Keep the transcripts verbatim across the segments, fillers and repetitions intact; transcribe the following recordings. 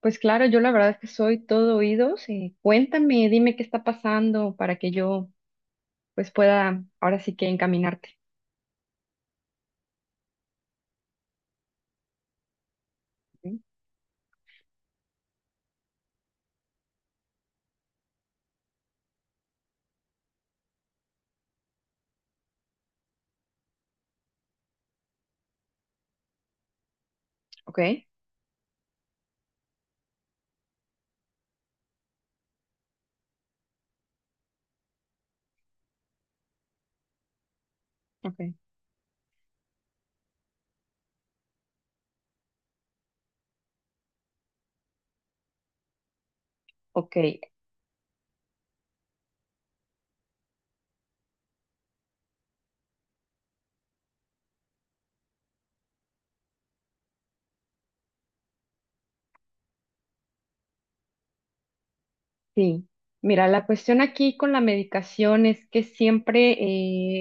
Pues claro, yo la verdad es que soy todo oídos. Eh, cuéntame, dime qué está pasando para que yo pues pueda ahora sí que encaminarte. ¿Sí? ¿Ok? Ok. Ok, sí. Mira, la cuestión aquí con la medicación es que siempre,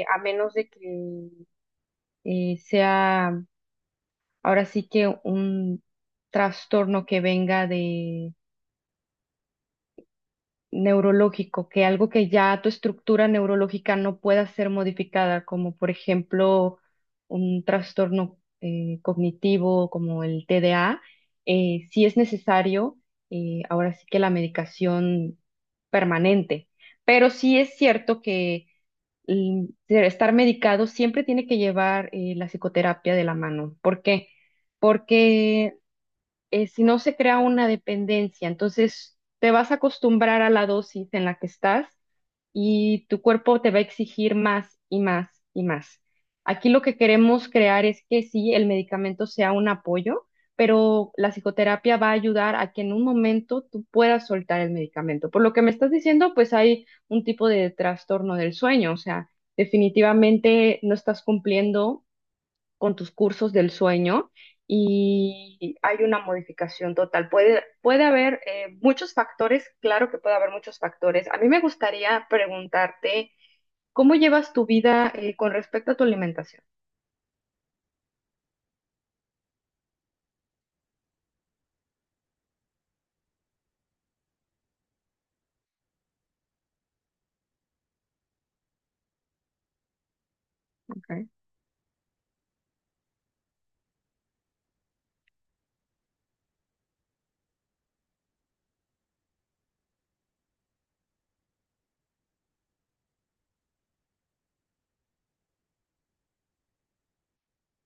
eh, a menos de que eh, sea ahora sí que un trastorno que venga neurológico, que algo que ya tu estructura neurológica no pueda ser modificada, como por ejemplo un trastorno eh, cognitivo como el T D A, eh, sí es necesario, eh, ahora sí que la medicación permanente, pero sí es cierto que mm, estar medicado siempre tiene que llevar eh, la psicoterapia de la mano. ¿Por qué? Porque eh, si no se crea una dependencia, entonces te vas a acostumbrar a la dosis en la que estás y tu cuerpo te va a exigir más y más y más. Aquí lo que queremos crear es que sí, el medicamento sea un apoyo, pero la psicoterapia va a ayudar a que en un momento tú puedas soltar el medicamento. Por lo que me estás diciendo, pues hay un tipo de trastorno del sueño, o sea, definitivamente no estás cumpliendo con tus cursos del sueño y hay una modificación total. Puede, puede haber eh, muchos factores, claro que puede haber muchos factores. A mí me gustaría preguntarte, ¿cómo llevas tu vida eh, con respecto a tu alimentación? Okay.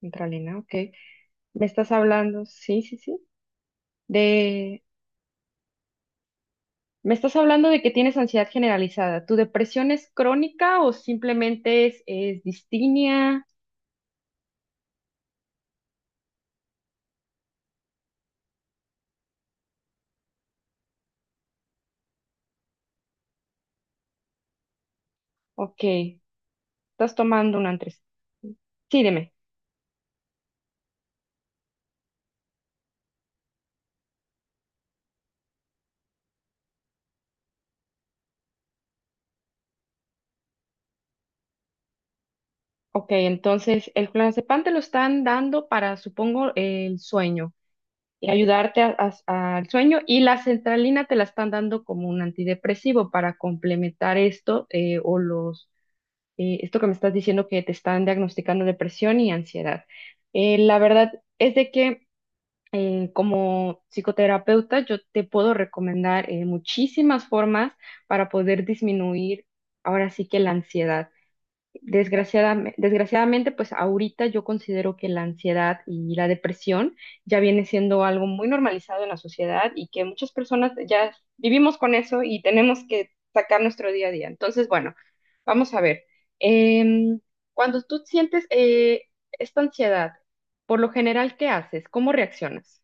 Centralina, ok. Me estás hablando, sí, sí, sí, de... Me estás hablando de que tienes ansiedad generalizada. ¿Tu depresión es crónica o simplemente es, es distimia? Ok, estás tomando un antes. Sí, dime. Ok, entonces el clonazepam te lo están dando para, supongo, el sueño, y ayudarte a- a- al sueño, y la centralina te la están dando como un antidepresivo para complementar esto eh, o los eh, esto que me estás diciendo que te están diagnosticando depresión y ansiedad. Eh, la verdad es de que eh, como psicoterapeuta yo te puedo recomendar eh, muchísimas formas para poder disminuir ahora sí que la ansiedad. Desgraciadamente, desgraciadamente, pues ahorita yo considero que la ansiedad y la depresión ya viene siendo algo muy normalizado en la sociedad y que muchas personas ya vivimos con eso y tenemos que sacar nuestro día a día. Entonces, bueno, vamos a ver. Em, Cuando tú sientes eh, esta ansiedad, por lo general, ¿qué haces? ¿Cómo reaccionas?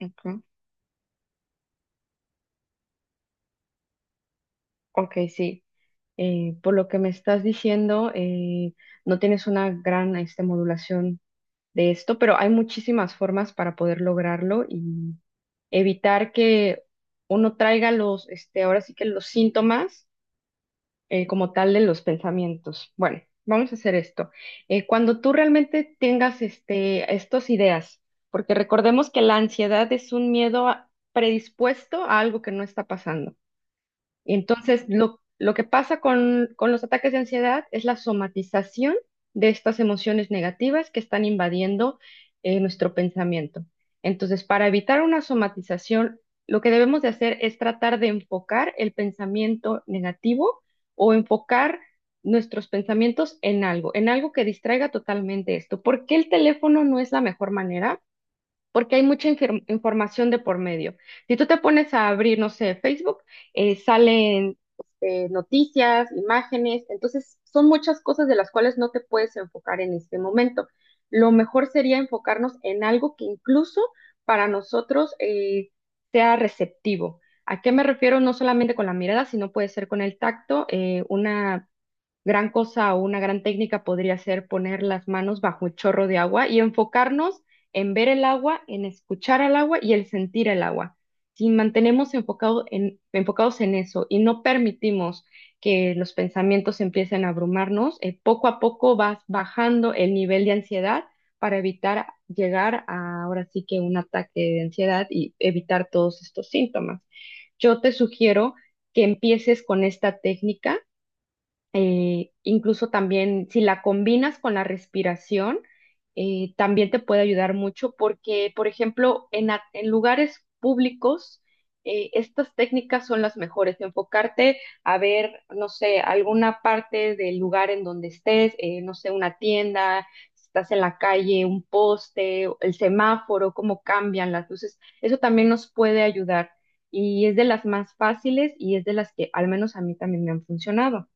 Ujú. Ok, sí. Eh, por lo que me estás diciendo, eh, no tienes una gran este, modulación de esto, pero hay muchísimas formas para poder lograrlo y evitar que uno traiga los, este, ahora sí que los síntomas eh, como tal de los pensamientos. Bueno, vamos a hacer esto. Eh, cuando tú realmente tengas este, estas ideas, porque recordemos que la ansiedad es un miedo a- predispuesto a algo que no está pasando. Entonces, lo, lo que pasa con, con los ataques de ansiedad es la somatización de estas emociones negativas que están invadiendo eh, nuestro pensamiento. Entonces, para evitar una somatización, lo que debemos de hacer es tratar de enfocar el pensamiento negativo o enfocar nuestros pensamientos en algo, en algo que distraiga totalmente esto. ¿Por qué el teléfono no es la mejor manera? Porque hay mucha infir- información de por medio. Si tú te pones a abrir, no sé, Facebook, eh, salen este, noticias, imágenes, entonces son muchas cosas de las cuales no te puedes enfocar en este momento. Lo mejor sería enfocarnos en algo que incluso para nosotros eh, sea receptivo. ¿A qué me refiero? No solamente con la mirada, sino puede ser con el tacto, eh, una gran cosa o una gran técnica podría ser poner las manos bajo un chorro de agua y enfocarnos en ver el agua, en escuchar al agua y el sentir el agua. Si mantenemos enfocado en- enfocados en eso y no permitimos que los pensamientos empiecen a abrumarnos, eh, poco a poco vas bajando el nivel de ansiedad para evitar llegar a ahora sí que un ataque de ansiedad y evitar todos estos síntomas. Yo te sugiero que empieces con esta técnica eh, incluso también si la combinas con la respiración, eh, también te puede ayudar mucho porque, por ejemplo, en, a- en lugares públicos, eh, estas técnicas son las mejores. Enfocarte a ver, no sé, alguna parte del lugar en donde estés, eh, no sé, una tienda, si estás en la calle, un poste, el semáforo, cómo cambian las luces. Eso también nos puede ayudar y es de las más fáciles y es de las que al menos a mí también me han funcionado.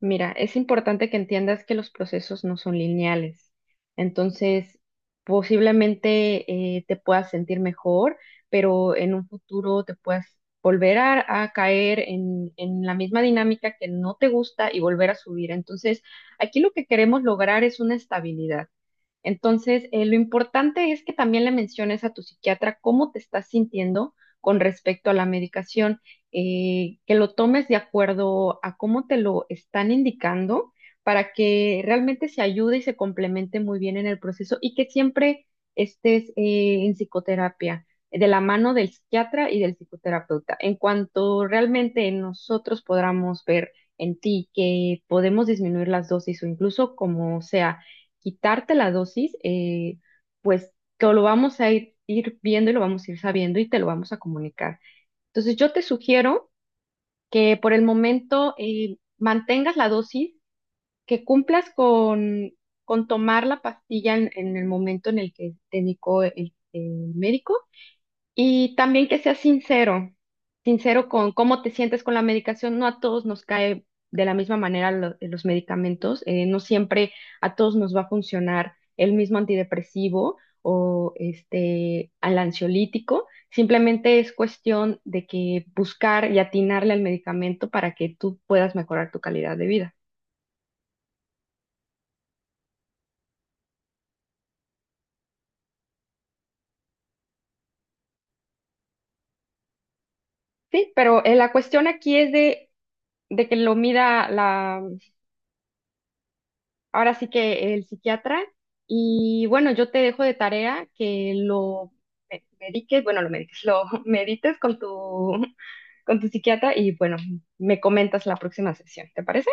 Mira, es importante que entiendas que los procesos no son lineales. Entonces, posiblemente eh, te puedas sentir mejor, pero en un futuro te puedas volver a, a caer en, en la misma dinámica que no te gusta y volver a subir. Entonces, aquí lo que queremos lograr es una estabilidad. Entonces, eh, lo importante es que también le menciones a tu psiquiatra cómo te estás sintiendo con respecto a la medicación, eh, que lo tomes de acuerdo a cómo te lo están indicando para que realmente se ayude y se complemente muy bien en el proceso y que siempre estés eh, en psicoterapia, de la mano del psiquiatra y del psicoterapeuta. En cuanto realmente nosotros podamos ver en ti que podemos disminuir las dosis o incluso como sea quitarte la dosis, eh, pues que lo vamos a ir, ir viendo y lo vamos a ir sabiendo y te lo vamos a comunicar. Entonces yo te sugiero que por el momento eh, mantengas la dosis, que cumplas con, con tomar la pastilla en, en el momento en el que te indicó el el médico y también que seas sincero, sincero con cómo te sientes con la medicación. No a todos nos cae de la misma manera lo- eh, los medicamentos, eh, no siempre a todos nos va a funcionar el mismo antidepresivo o este al ansiolítico. Simplemente es cuestión de que buscar y atinarle al medicamento para que tú puedas mejorar tu calidad de vida. Sí, pero eh, la cuestión aquí es de, de que lo mida ahora sí que el psiquiatra. Y bueno, yo te dejo de tarea que lo me- mediques, bueno, lo mediques, lo medites con tu, con tu psiquiatra y bueno, me comentas la próxima sesión, ¿te parece?